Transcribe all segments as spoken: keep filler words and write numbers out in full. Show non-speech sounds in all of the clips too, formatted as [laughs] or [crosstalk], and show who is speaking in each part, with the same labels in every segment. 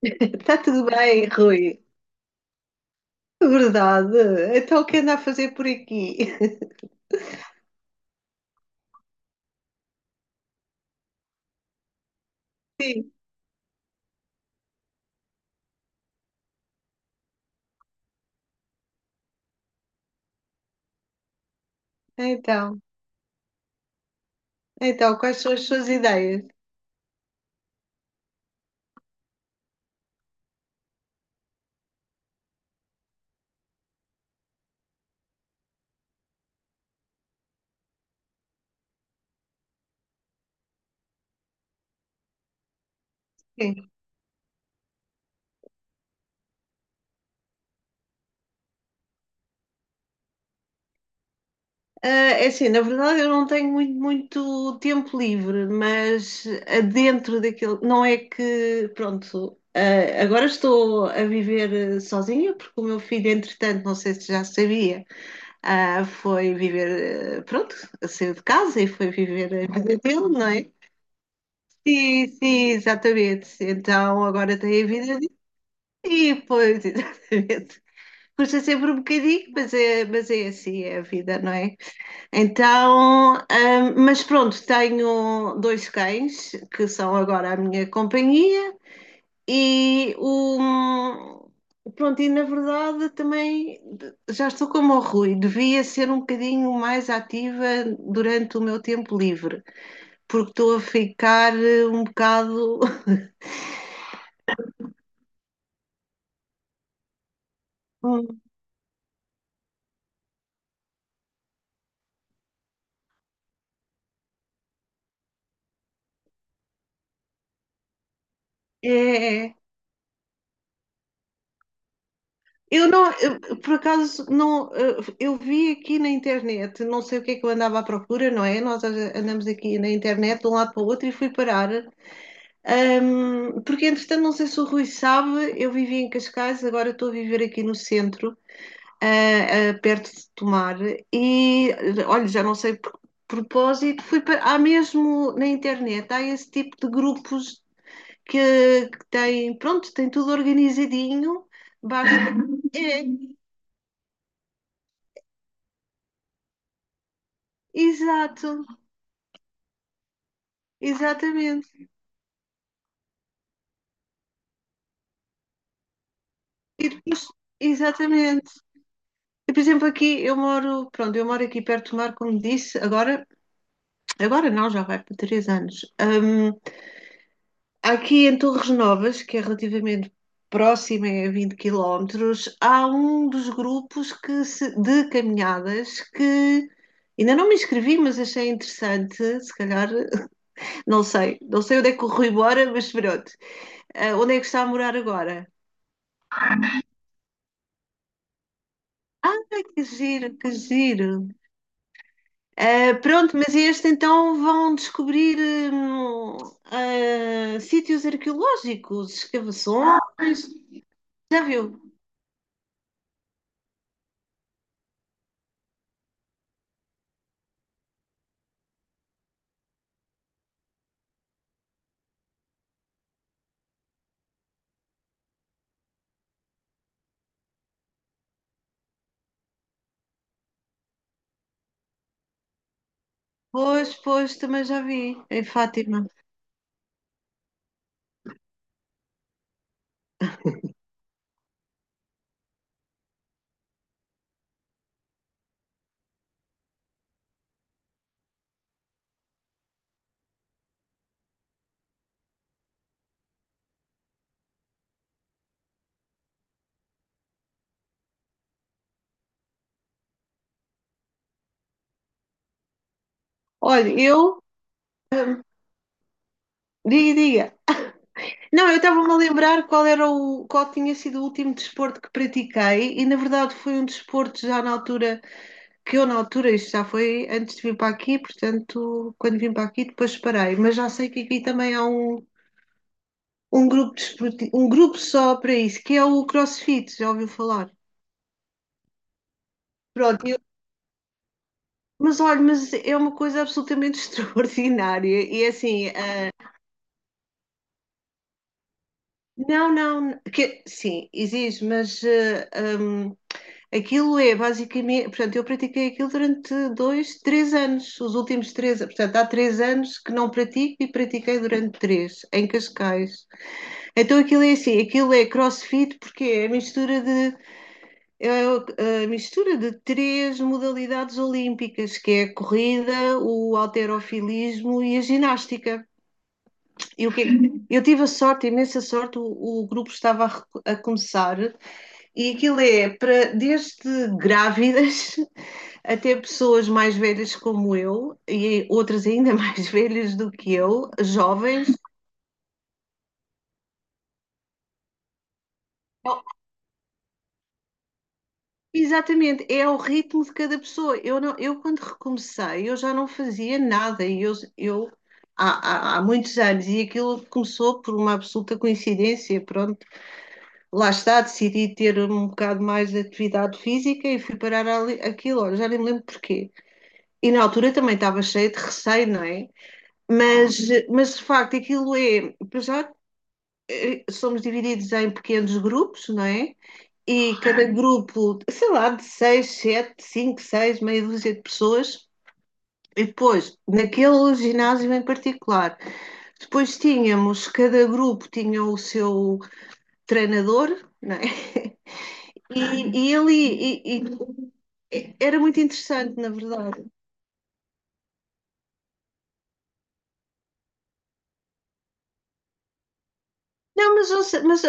Speaker 1: [laughs] Está tudo bem, Rui? Verdade. Então, o que anda a fazer por aqui? [laughs] Sim, então. Então, quais são as suas ideias? Sim. Ah, é assim, na verdade eu não tenho muito, muito tempo livre, mas ah, dentro daquilo, não é que, pronto, ah, agora estou a viver ah, sozinha, porque o meu filho, entretanto, não sei se já sabia, ah, foi viver, ah, pronto, saiu de casa e foi viver a vida dele, não é? Sim, sim, exatamente. Então agora tem a vida de ti, pois, [laughs] exatamente. Custa sempre um bocadinho, mas é, mas é assim, é a vida, não é? Então, hum, mas pronto, tenho dois cães que são agora a minha companhia e o. Pronto, e na verdade também já estou como o Rui, devia ser um bocadinho mais ativa durante o meu tempo livre, porque estou a ficar eh, um bocado. [laughs] É, eu não, eu, por acaso, não, eh, eu vi aqui na internet, não sei o que é que eu andava à procura, não é? Nós a- andamos aqui na internet de um lado para o outro e fui parar. Ahm, porque, entretanto, não sei se o Rui sabe, eu vivia em Cascais, agora estou a viver aqui no centro, ah, ah, perto de Tomar, e eh, olha, já não sei por propósito, fui para, há mesmo na internet, há esse tipo de grupos que, que têm, pronto, tem tudo organizadinho. Basta. Exato, exatamente. E depois, exatamente. E, por exemplo, aqui eu moro, pronto, eu moro aqui perto do mar, como disse, agora, agora não, já vai para três anos. Hum, aqui em Torres Novas, que é relativamente próxima, é a vinte quilómetros, há um dos grupos que se- de caminhadas que ainda não me inscrevi, mas achei interessante, se calhar, [laughs] não sei, não sei onde é que corro embora, mas pronto. Ah, onde é que está a morar agora? Ah, que giro, que giro. Ah, pronto, mas este então vão descobrir hum, ah, sítios arqueológicos, escavações. Já viu? Pois, pois, também já vi em Fátima. Olha, eu. Diga, diga. Não, eu estava-me a lembrar qual era o, qual tinha sido o último desporto que pratiquei, e na verdade foi um desporto já na altura, que eu na altura, isto já foi antes de vir para aqui, portanto, quando vim para aqui depois parei, mas já sei que aqui também há um, Um grupo desportivo, um grupo só para isso, que é o CrossFit, já ouviu falar? Pronto, eu- mas olha, mas é uma coisa absolutamente [laughs] extraordinária. E é assim, ah, não, não, que, sim, exige, mas ah, hum, aquilo é basicamente, portanto, eu pratiquei aquilo durante dois, três anos, os últimos três, portanto, há três anos que não pratico e pratiquei durante três, em Cascais. Então aquilo é assim, aquilo é CrossFit porque é a mistura de. É o- a mistura de três modalidades olímpicas, que é a corrida, o halterofilismo e a ginástica. E o que eu tive a sorte, a imensa sorte, o, o, grupo estava a, recu- a começar e aquilo é para desde grávidas [laughs] até pessoas mais velhas como eu e outras ainda [laughs] mais velhas do que eu, jovens. Exatamente, é ao ritmo de cada pessoa. Eu, não, eu quando recomecei, eu já não fazia nada. E eu, eu há, há, há muitos anos, e aquilo começou por uma absoluta coincidência. Pronto, lá está, decidi ter um bocado mais de atividade física e fui parar ali, aquilo, olha, já nem me lembro porquê. E na altura também estava cheia de receio, não é? Mas, mas de facto, aquilo é, para já, eh, somos divididos em pequenos grupos, não é? E cada grupo, sei lá, de seis, sete, cinco, seis, meia dúzia de pessoas. E depois, naquele ginásio em particular, depois tínhamos, cada grupo tinha o seu treinador, não é? E, e ali, e- e- era muito interessante, na verdade. Não, mas, mas,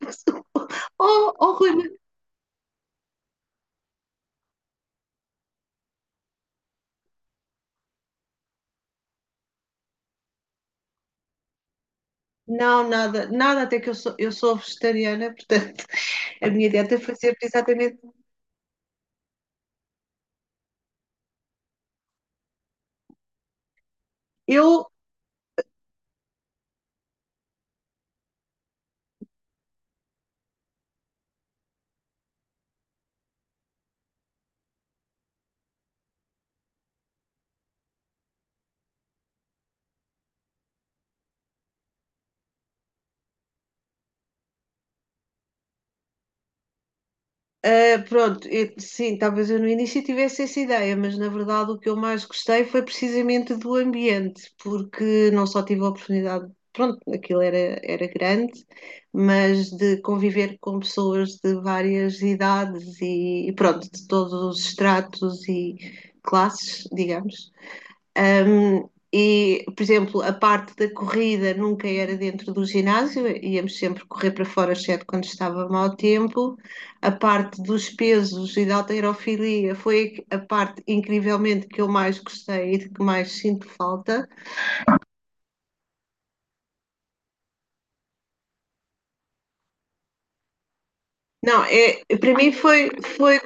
Speaker 1: mas [laughs] oh, oh, Rui, não, nada, nada, até que eu sou, eu sou vegetariana, portanto, a minha dieta fazia exatamente. Eu. Ah, pronto, eu- sim, talvez eu no início tivesse essa ideia, mas na verdade o que eu mais gostei foi precisamente do ambiente, porque não só tive a oportunidade, pronto, aquilo era, era grande, mas de conviver com pessoas de várias idades e, e pronto, de todos os estratos e classes, digamos. Um, e, por exemplo, a parte da corrida nunca era dentro do ginásio, íamos sempre correr para fora, exceto quando estava mau tempo. A parte dos pesos e da halterofilia foi a parte, incrivelmente, que eu mais gostei e de que mais sinto falta. Não, é, para mim foi, foi.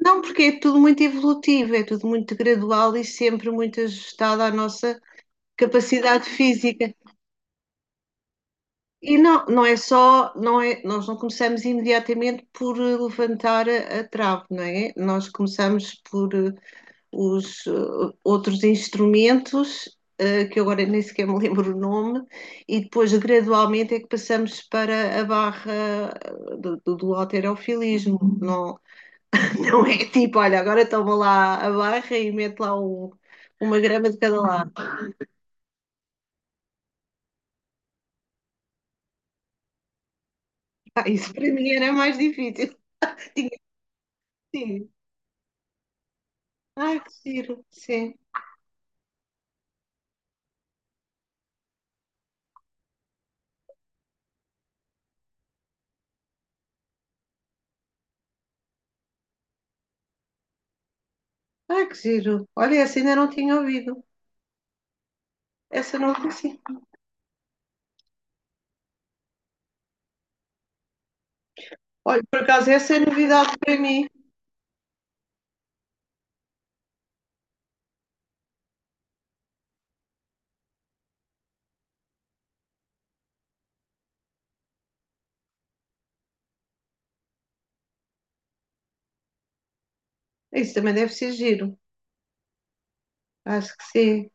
Speaker 1: Não, porque é tudo muito evolutivo, é tudo muito gradual e sempre muito ajustado à nossa capacidade física. E não, não é só, não é, nós não começamos imediatamente por eh, levantar a, a trave, não é? Nós começamos por eh, os eh, outros instrumentos, eh, que agora nem sequer me [laughs] lembro o nome, e depois gradualmente é que passamos para a barra eh, do, do, do halterofilismo. Não, não é tipo, olha, agora toma lá a barra e mete lá um- uma grama de cada lado. Ah, isso para mim era mais difícil. [laughs] Tinha que ser. Ai, que giro, sim. Ah, que giro. Olha, essa ainda não tinha ouvido. Essa não conheci. Olha, por acaso, essa é novidade para mim. Isso também deve ser giro. Acho que sim.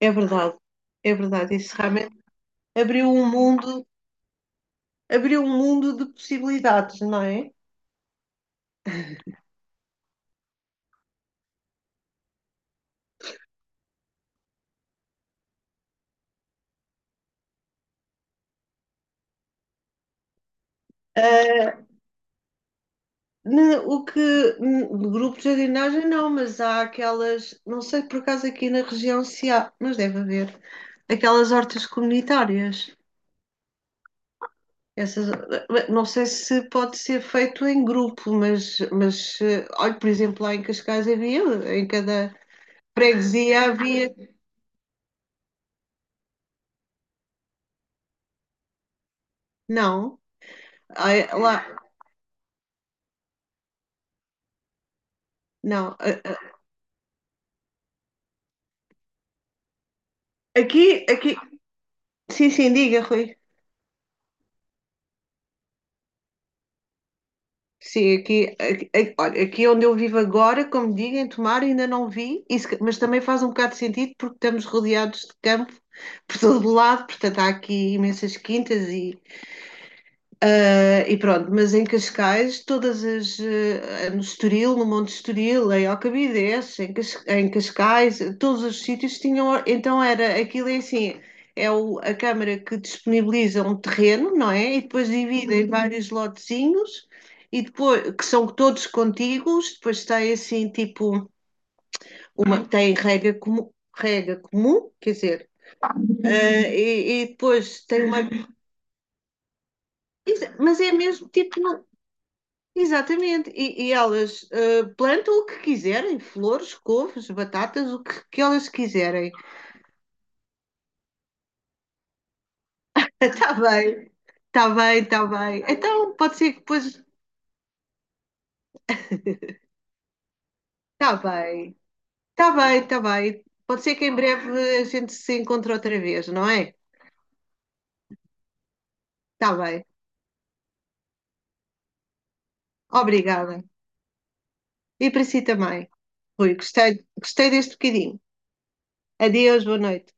Speaker 1: É verdade. É verdade. Isso realmente abriu um mundo, abriu um mundo de possibilidades, não é? Ah, ne- o que, n- de grupo de jardinagem não, mas há aquelas, não sei por acaso aqui na região se há, mas deve haver, aquelas hortas comunitárias. Essas, não sei se pode ser feito em grupo, mas, mas eh, olha, por exemplo, lá em Cascais havia, em cada freguesia havia. Não, ai, lá, não. a- a- Aqui, aqui, sim, sim, diga, Rui. Sim, aqui, aqui, aqui- olha, aqui onde eu vivo agora, como digo, em Tomar, ainda não vi, isso se mas também faz um bocado de sentido porque estamos rodeados de campo por todo lado, portanto há aqui imensas quintas e. Ah, e pronto, mas em Cascais, todas as. Eh, no Estoril, no Monte Estoril, em Alcabides, em, Cas- em Cascais, todos os sítios tinham. Então era aquilo é assim: é o- a Câmara que disponibiliza um terreno, não é? E depois divide em vários lotezinhos. E depois, que são todos contíguos, depois tem assim, tipo, uma, tem rega comum, rega comum, quer dizer, ah, e, e depois tem uma, mas é mesmo tipo. Exatamente, e, e elas eh, plantam o que quiserem, flores, couves, batatas, o que, que elas quiserem. [laughs] Está bem, está bem, está bem. Então pode ser que depois. Está bem, está bem, está bem. Pode ser que em breve a gente se encontre outra vez, não é? Está bem, obrigada. E para si também, Rui, gostei, gostei deste bocadinho. Adeus, boa noite.